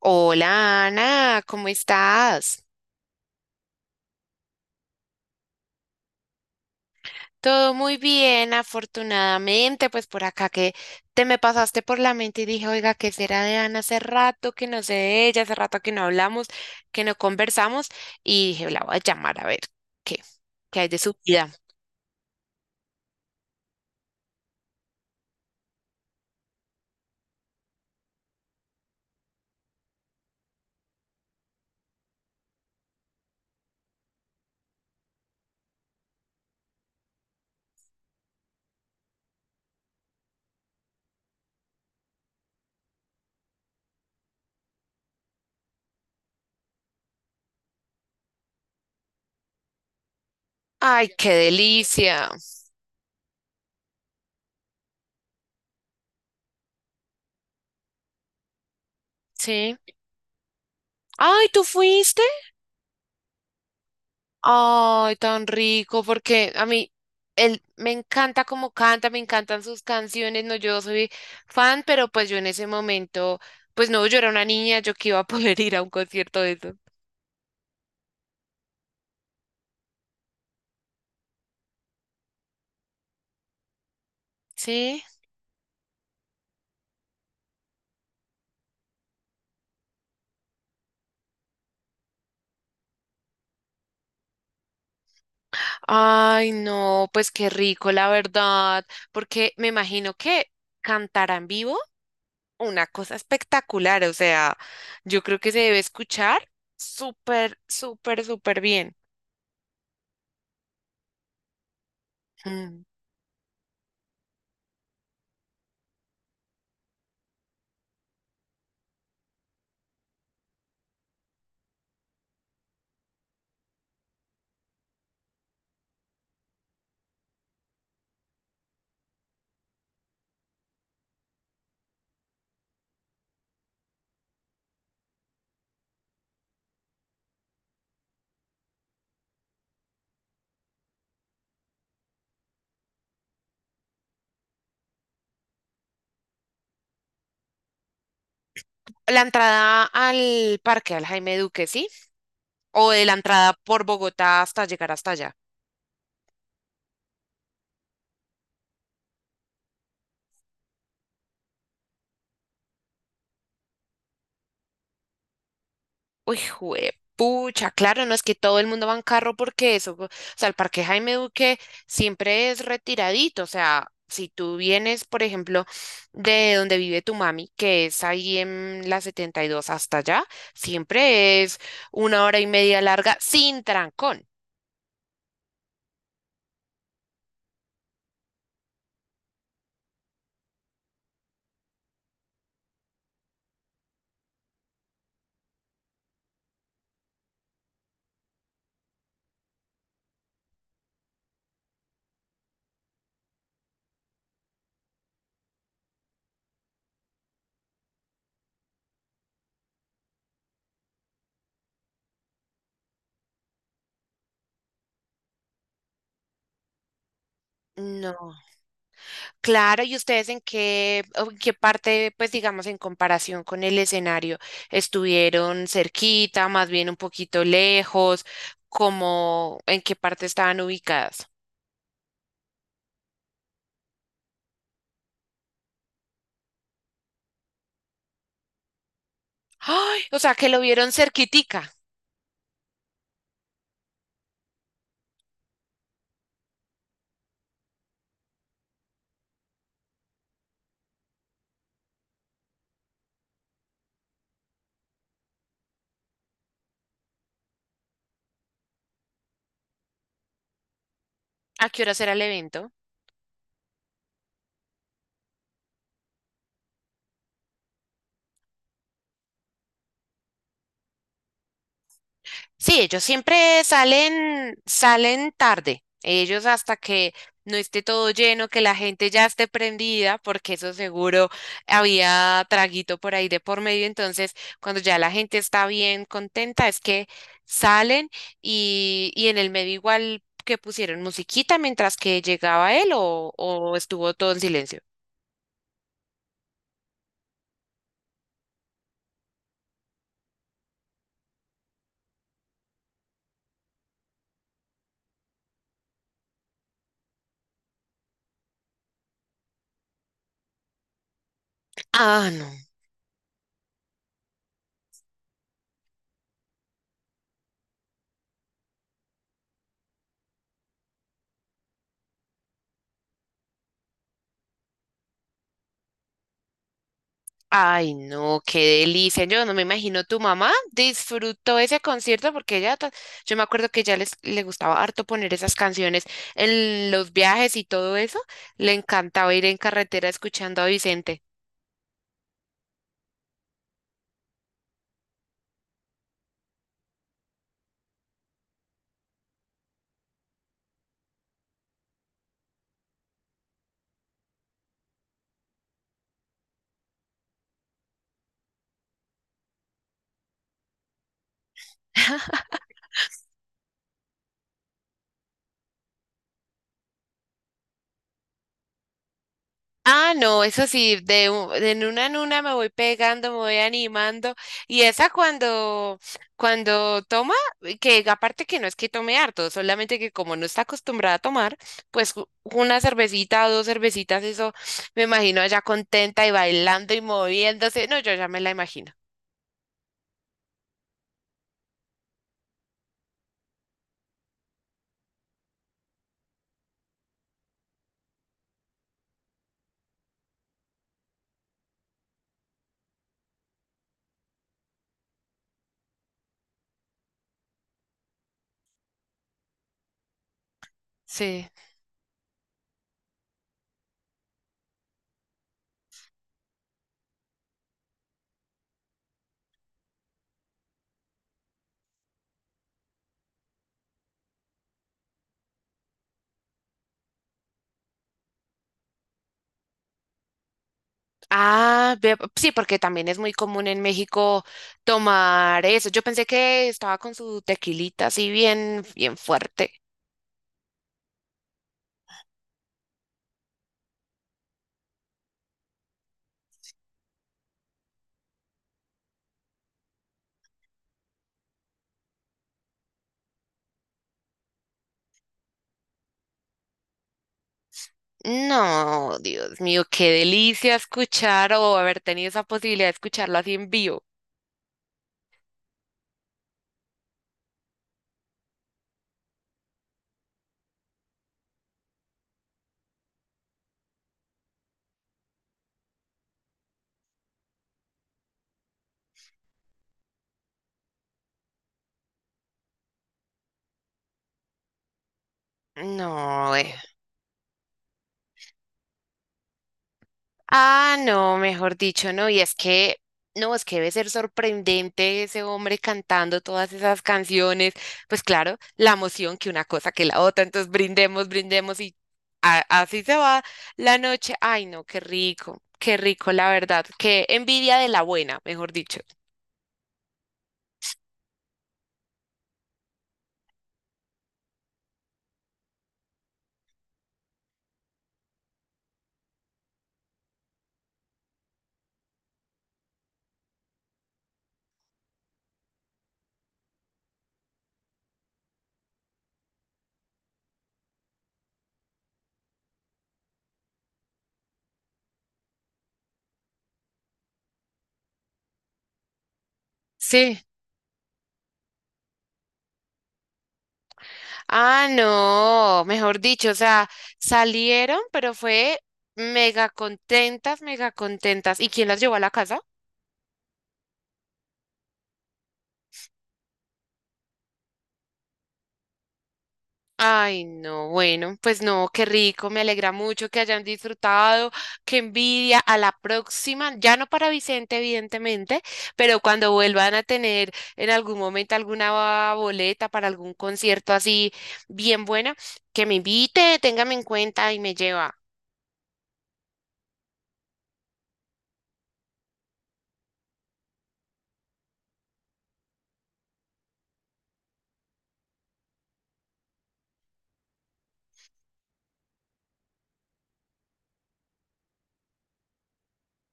Hola Ana, ¿cómo estás? Todo muy bien, afortunadamente, pues por acá que te me pasaste por la mente y dije, oiga, ¿qué será de Ana? Hace rato que no sé de ella, hace rato que no hablamos, que no conversamos y dije, la voy a llamar a ver qué, qué hay de su vida. Ay, qué delicia. Sí. Ay, ¿tú fuiste? Ay, tan rico, porque a mí él me encanta cómo canta, me encantan sus canciones, no, yo soy fan, pero pues yo en ese momento, pues no, yo era una niña, yo que iba a poder ir a un concierto de eso. Sí. Ay, no, pues qué rico, la verdad, porque me imagino que cantar en vivo, una cosa espectacular, o sea, yo creo que se debe escuchar súper, súper, súper bien. Mm. La entrada al parque, al Jaime Duque, ¿sí? O de la entrada por Bogotá hasta llegar hasta allá. Uy, pucha, claro, no es que todo el mundo va en carro porque eso, o sea, el Parque Jaime Duque siempre es retiradito, o sea, si tú vienes, por ejemplo, de donde vive tu mami, que es ahí en la 72 hasta allá, siempre es una hora y media larga sin trancón. No. Claro, ¿y ustedes en qué, o en qué parte, pues digamos, en comparación con el escenario, estuvieron cerquita, más bien un poquito lejos, como en qué parte estaban ubicadas? Ay, o sea, que lo vieron cerquitica. ¿A qué horas era el evento? Sí, ellos siempre salen, salen tarde. Ellos hasta que no esté todo lleno, que la gente ya esté prendida, porque eso seguro había traguito por ahí de por medio. Entonces, cuando ya la gente está bien contenta, es que salen y en el medio igual que pusieron musiquita mientras que llegaba él o estuvo todo en silencio. Ah, no. Ay, no, qué delicia. Yo no me imagino tu mamá disfrutó ese concierto porque ella, yo me acuerdo que ya les le gustaba harto poner esas canciones en los viajes y todo eso. Le encantaba ir en carretera escuchando a Vicente. Ah, no, eso sí, de, de una en una me voy pegando, me voy animando. Y esa cuando toma, que aparte que no es que tome harto, solamente que como no está acostumbrada a tomar, pues una cervecita o dos cervecitas, eso me imagino allá contenta y bailando y moviéndose. No, yo ya me la imagino. Sí. Ah, sí, porque también es muy común en México tomar eso. Yo pensé que estaba con su tequilita así bien, bien fuerte. No, Dios mío, qué delicia escuchar o haber tenido esa posibilidad de escucharlo así en vivo. No, eh. Ah, no, mejor dicho, no. Y es que, no, es que debe ser sorprendente ese hombre cantando todas esas canciones. Pues claro, la emoción que una cosa que la otra. Entonces brindemos, brindemos y así se va la noche. Ay, no, qué rico, la verdad. Qué envidia de la buena, mejor dicho. Sí. Ah, no, mejor dicho, o sea, salieron, pero fue mega contentas, mega contentas. ¿Y quién las llevó a la casa? Ay, no, bueno, pues no, qué rico, me alegra mucho que hayan disfrutado, qué envidia. A la próxima, ya no para Vicente, evidentemente, pero cuando vuelvan a tener en algún momento alguna boleta para algún concierto así bien buena, que me invite, téngame en cuenta y me lleva.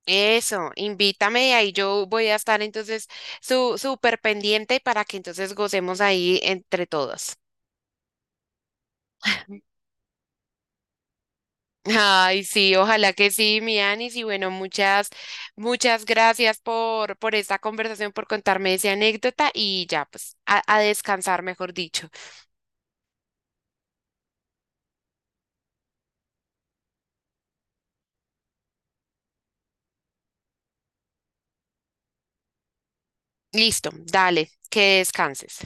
Eso, invítame y ahí yo voy a estar entonces súper pendiente para que entonces gocemos ahí entre todos. Ay, sí, ojalá que sí, mi Anis. Y bueno, muchas, muchas gracias por esta conversación, por contarme esa anécdota y ya, pues, a descansar, mejor dicho. Listo, dale, que descanses.